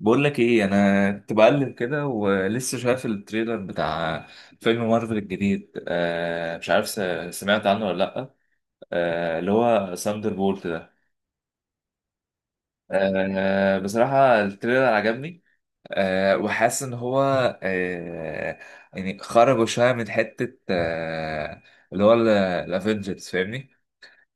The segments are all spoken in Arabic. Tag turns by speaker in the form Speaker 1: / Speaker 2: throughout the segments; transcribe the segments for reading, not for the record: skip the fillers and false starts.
Speaker 1: بقول لك ايه، انا كنت بقلب كده ولسه شايف التريلر بتاع فيلم مارفل الجديد. مش عارف سمعت عنه ولا لا. اللي هو ساندر بولت ده. بصراحة التريلر عجبني. وحاسس ان هو آه يعني خرجوا شوية من حتة اللي هو الافنجرز، فاهمني؟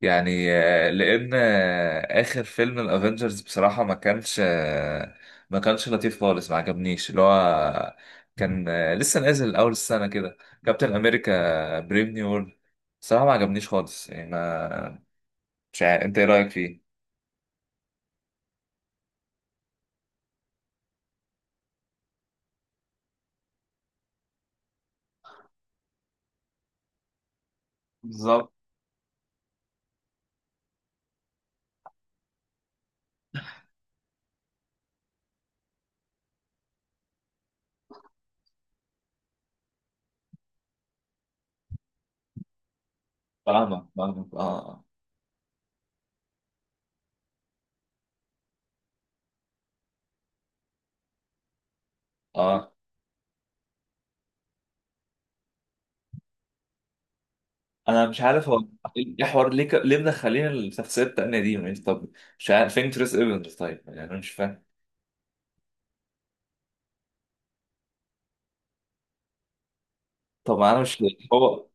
Speaker 1: يعني، لان اخر فيلم الافنجرز بصراحه ما كانش لطيف خالص، ما عجبنيش. اللي هو كان، لسه نازل اول السنه كده، كابتن امريكا بريف نيو وورلد. بصراحه ما عجبنيش خالص، يعني ما مش عارف انت ايه رايك فيه. بالظبط. فاهمك فاهمك، اه اه، انا مش عارف. هو ايه حوار، ليه مدخلين الشخصيه التانيه دي يعني؟ طب مش عارف فين تريس ايفنز؟ طيب، يعني انا مش فاهم. طب انا مش هو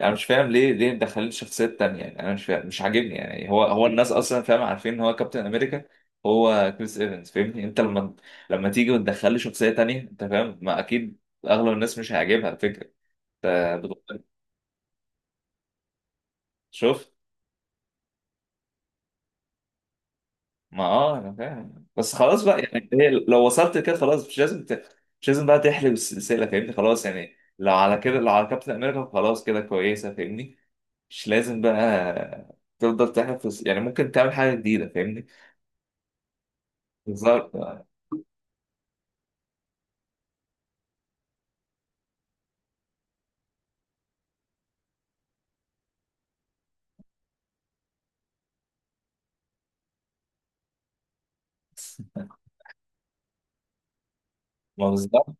Speaker 1: انا مش فاهم ليه مدخلين شخصيات تانية، يعني انا مش فاهم، مش عاجبني. يعني هو الناس اصلا، فاهم، عارفين ان هو كابتن امريكا، هو كريس ايفنز، فاهمني؟ انت لما تيجي وتدخل لي شخصية تانية، انت فاهم، ما اكيد اغلب الناس مش هيعجبها الفكرة. انت بتقول- شوف. ما انا فاهم، بس خلاص بقى. يعني هي لو وصلت كده خلاص، مش لازم بقى تحلب السلسلة، فاهمني؟ خلاص، يعني لو على كده، لو على كابتن امريكا خلاص كده كويسة، فاهمني؟ مش لازم بقى تفضل تحلب في يعني ممكن تعمل حاجة جديدة، فاهمني. بالظبط. ما بالظبط.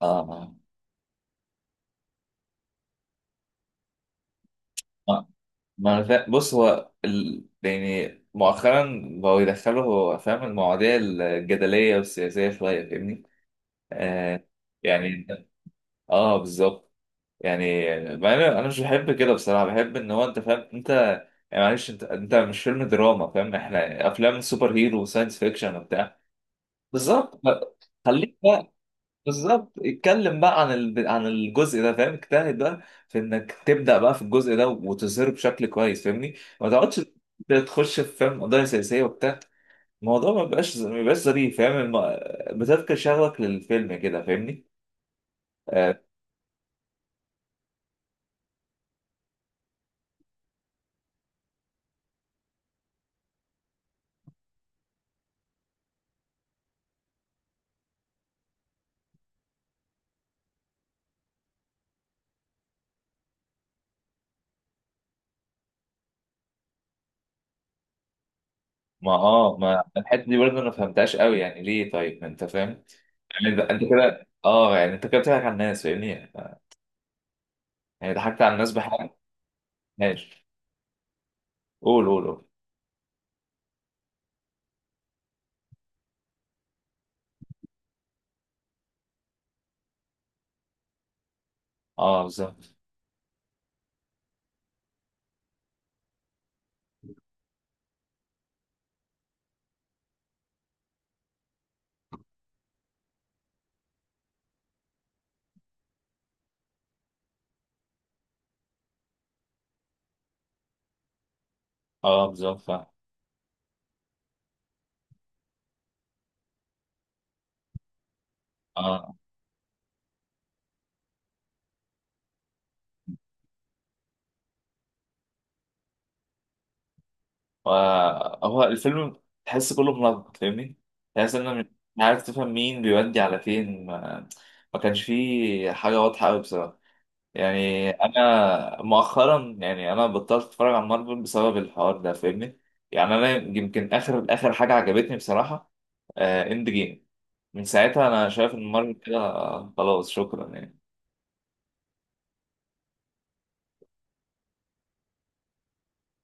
Speaker 1: اه، ما ما انا فا... بص، هو يعني مؤخرا بقوا يدخلوا، هو فاهم، المواضيع الجدلية والسياسية شوية، فاهمني. آه يعني. اه بالظبط. يعني، مع إن انا مش بحب كده بصراحة. بحب ان هو، انت فاهم، انت يعني معلش، انت مش فيلم دراما، فاهم؟ احنا افلام سوبر هيرو وساينس فيكشن وبتاع. بالظبط. خليك. بالظبط، اتكلم بقى عن عن الجزء ده، فاهم؟ اجتهد بقى في انك تبدا بقى في الجزء ده وتظهره بشكل كويس، فاهمني. ما تقعدش تخش في، فاهم، قضايا سياسيه وبتاع. الموضوع ما بيبقاش ظريف، فاهم بتفقد شغفك للفيلم كده، فاهمني. آه ما اه ما الحته دي برضه انا ما فهمتهاش قوي، يعني ليه؟ طيب، ما انت فاهم. يعني، انت كده، اه يعني انت كده بتضحك على الناس، فاهمني؟ يعني ضحكت على الناس بحاجه. ماشي. قول قول قول. اه بالظبط. اه بالظبط فاهم. اه. هو الفيلم، تحس كله منظم، فاهمني. تحس ان مش عارف تفهم مين بيودي على فين. ما كانش فيه حاجة واضحة قوي بصراحة. يعني انا مؤخرا، يعني انا بطلت اتفرج على مارفل بسبب الحوار ده، فاهمني. يعني انا يمكن اخر اخر حاجة عجبتني بصراحة اند جيم. من ساعتها انا شايف ان مارفل كده، خلاص شكرا يعني.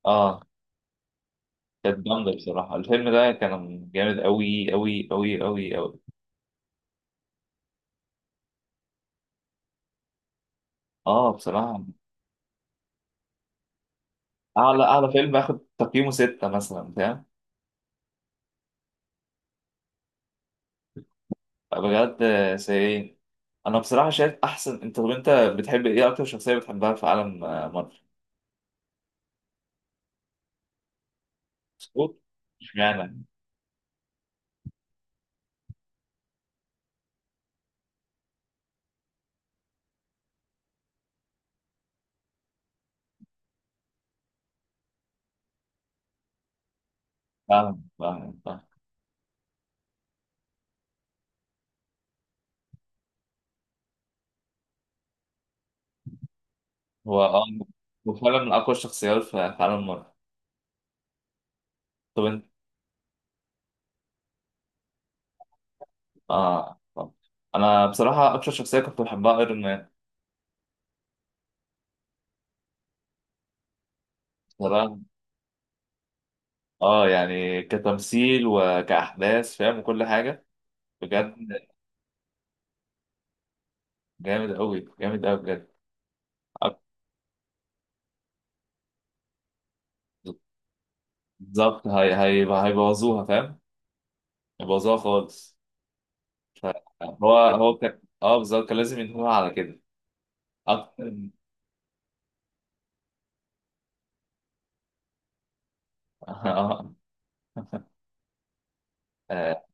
Speaker 1: اه كانت جامدة بصراحة، الفيلم ده كان جامد قوي قوي قوي قوي قوي. اه بصراحة، اعلى اعلى فيلم اخد تقييمه 6 مثلا، فاهم. بجد سيئين. انا بصراحة شايف احسن. طب انت بتحب ايه، اكتر شخصية بتحبها في عالم مارفل؟ سكوت. اشمعنى؟ فاهم فاهم فاهم. هو اه هو فعلا من اقوى الشخصيات في عالم مارفل. طب انت اه طب. انا بصراحة اكتر شخصية كنت بحبها ايرون مان، بصراحة. اه يعني، كتمثيل وكأحداث، فاهم، وكل حاجة، بجد جامد قوي جامد قوي بجد. أك- بالظبط. هي هيبوظوها، فاهم. باظها خالص. ف- هو كان، اه بالظبط، كان لازم ينهوها على كده اكتر. آه. آه.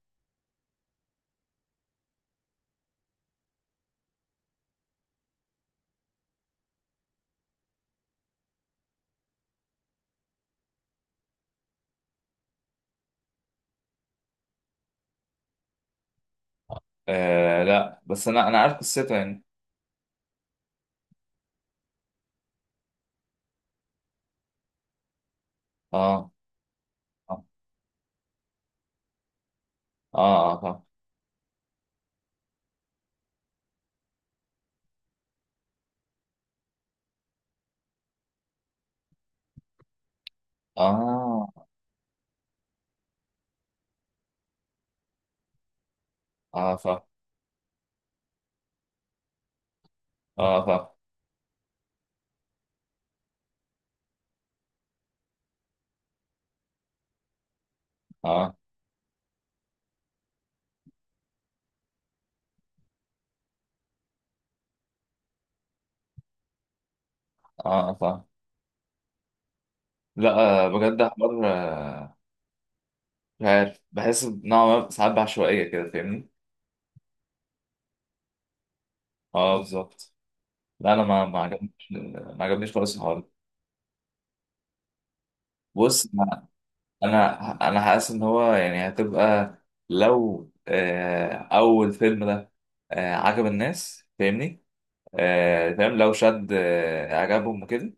Speaker 1: آه. لا، بس انا عارف قصتها يعني. اه اه اه اه اه اه اه اه فاهم. اه اه لا. بجد حوار. مش عارف، بحس نوعا ما ساعات بعشوائية كده، فاهمني. اه بالظبط. لا انا ما عجبنيش خالص الحوار ده. بص، انا حاسس ان هو يعني هتبقى، لو اول فيلم ده عجب الناس، فاهمني؟ فاهم، لو شد اعجابهم وكده.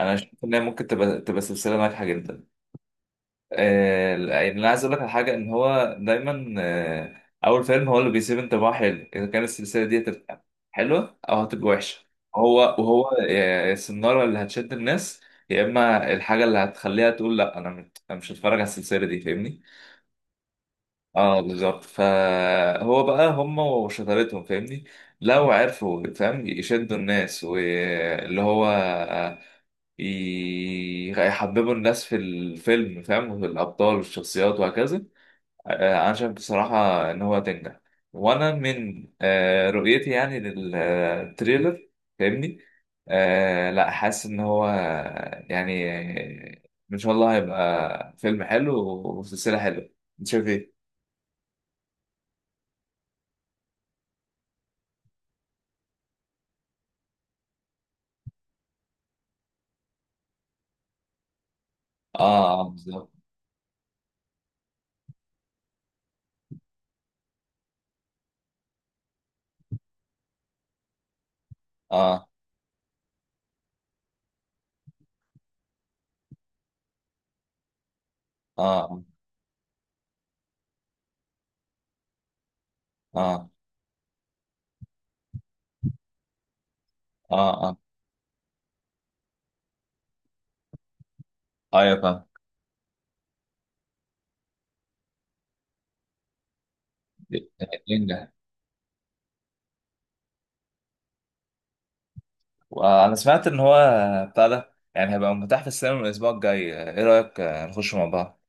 Speaker 1: انا شايف ان هي ممكن تبقى سلسله ناجحه جدا. يعني انا عايز اقول لك على حاجه، ان هو دايما اول فيلم هو اللي بيسيب انطباع حلو اذا كانت السلسله دي هتبقى حلوه او هتبقى وحشه. هو السناره اللي هتشد الناس، يا اما الحاجه اللي هتخليها تقول لا، انا مش أنا مش هتفرج على السلسله دي، فاهمني. اه بالظبط. فهو بقى هم وشطارتهم، فاهمني. لو عرفوا، فاهم، يشدوا الناس واللي هو يحببوا الناس في الفيلم، فاهم، وفي الأبطال والشخصيات وهكذا. أنا شايف بصراحة إن هو هتنجح، وأنا من رؤيتي يعني للتريلر، فاهمني. لا، حاسس إن هو، يعني إن شاء الله هيبقى فيلم حلو وسلسلة حلوة. أنت شايف إيه؟ اه اه بالظبط. اه اه اه اه اه ايوه فاهم. ينجح. وانا سمعت ان هو بتاع ده يعني هيبقى متاح في السينما من الاسبوع الجاي. ايه رايك نخش مع بعض؟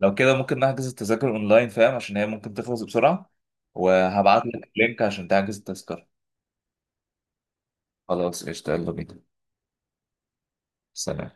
Speaker 1: لو كده ممكن نحجز التذاكر اونلاين، فاهم، عشان هي ممكن تخلص بسرعه. وهبعت لك لينك عشان تحجز التذكره. خلاص قشطه، يلا بينا. سلام.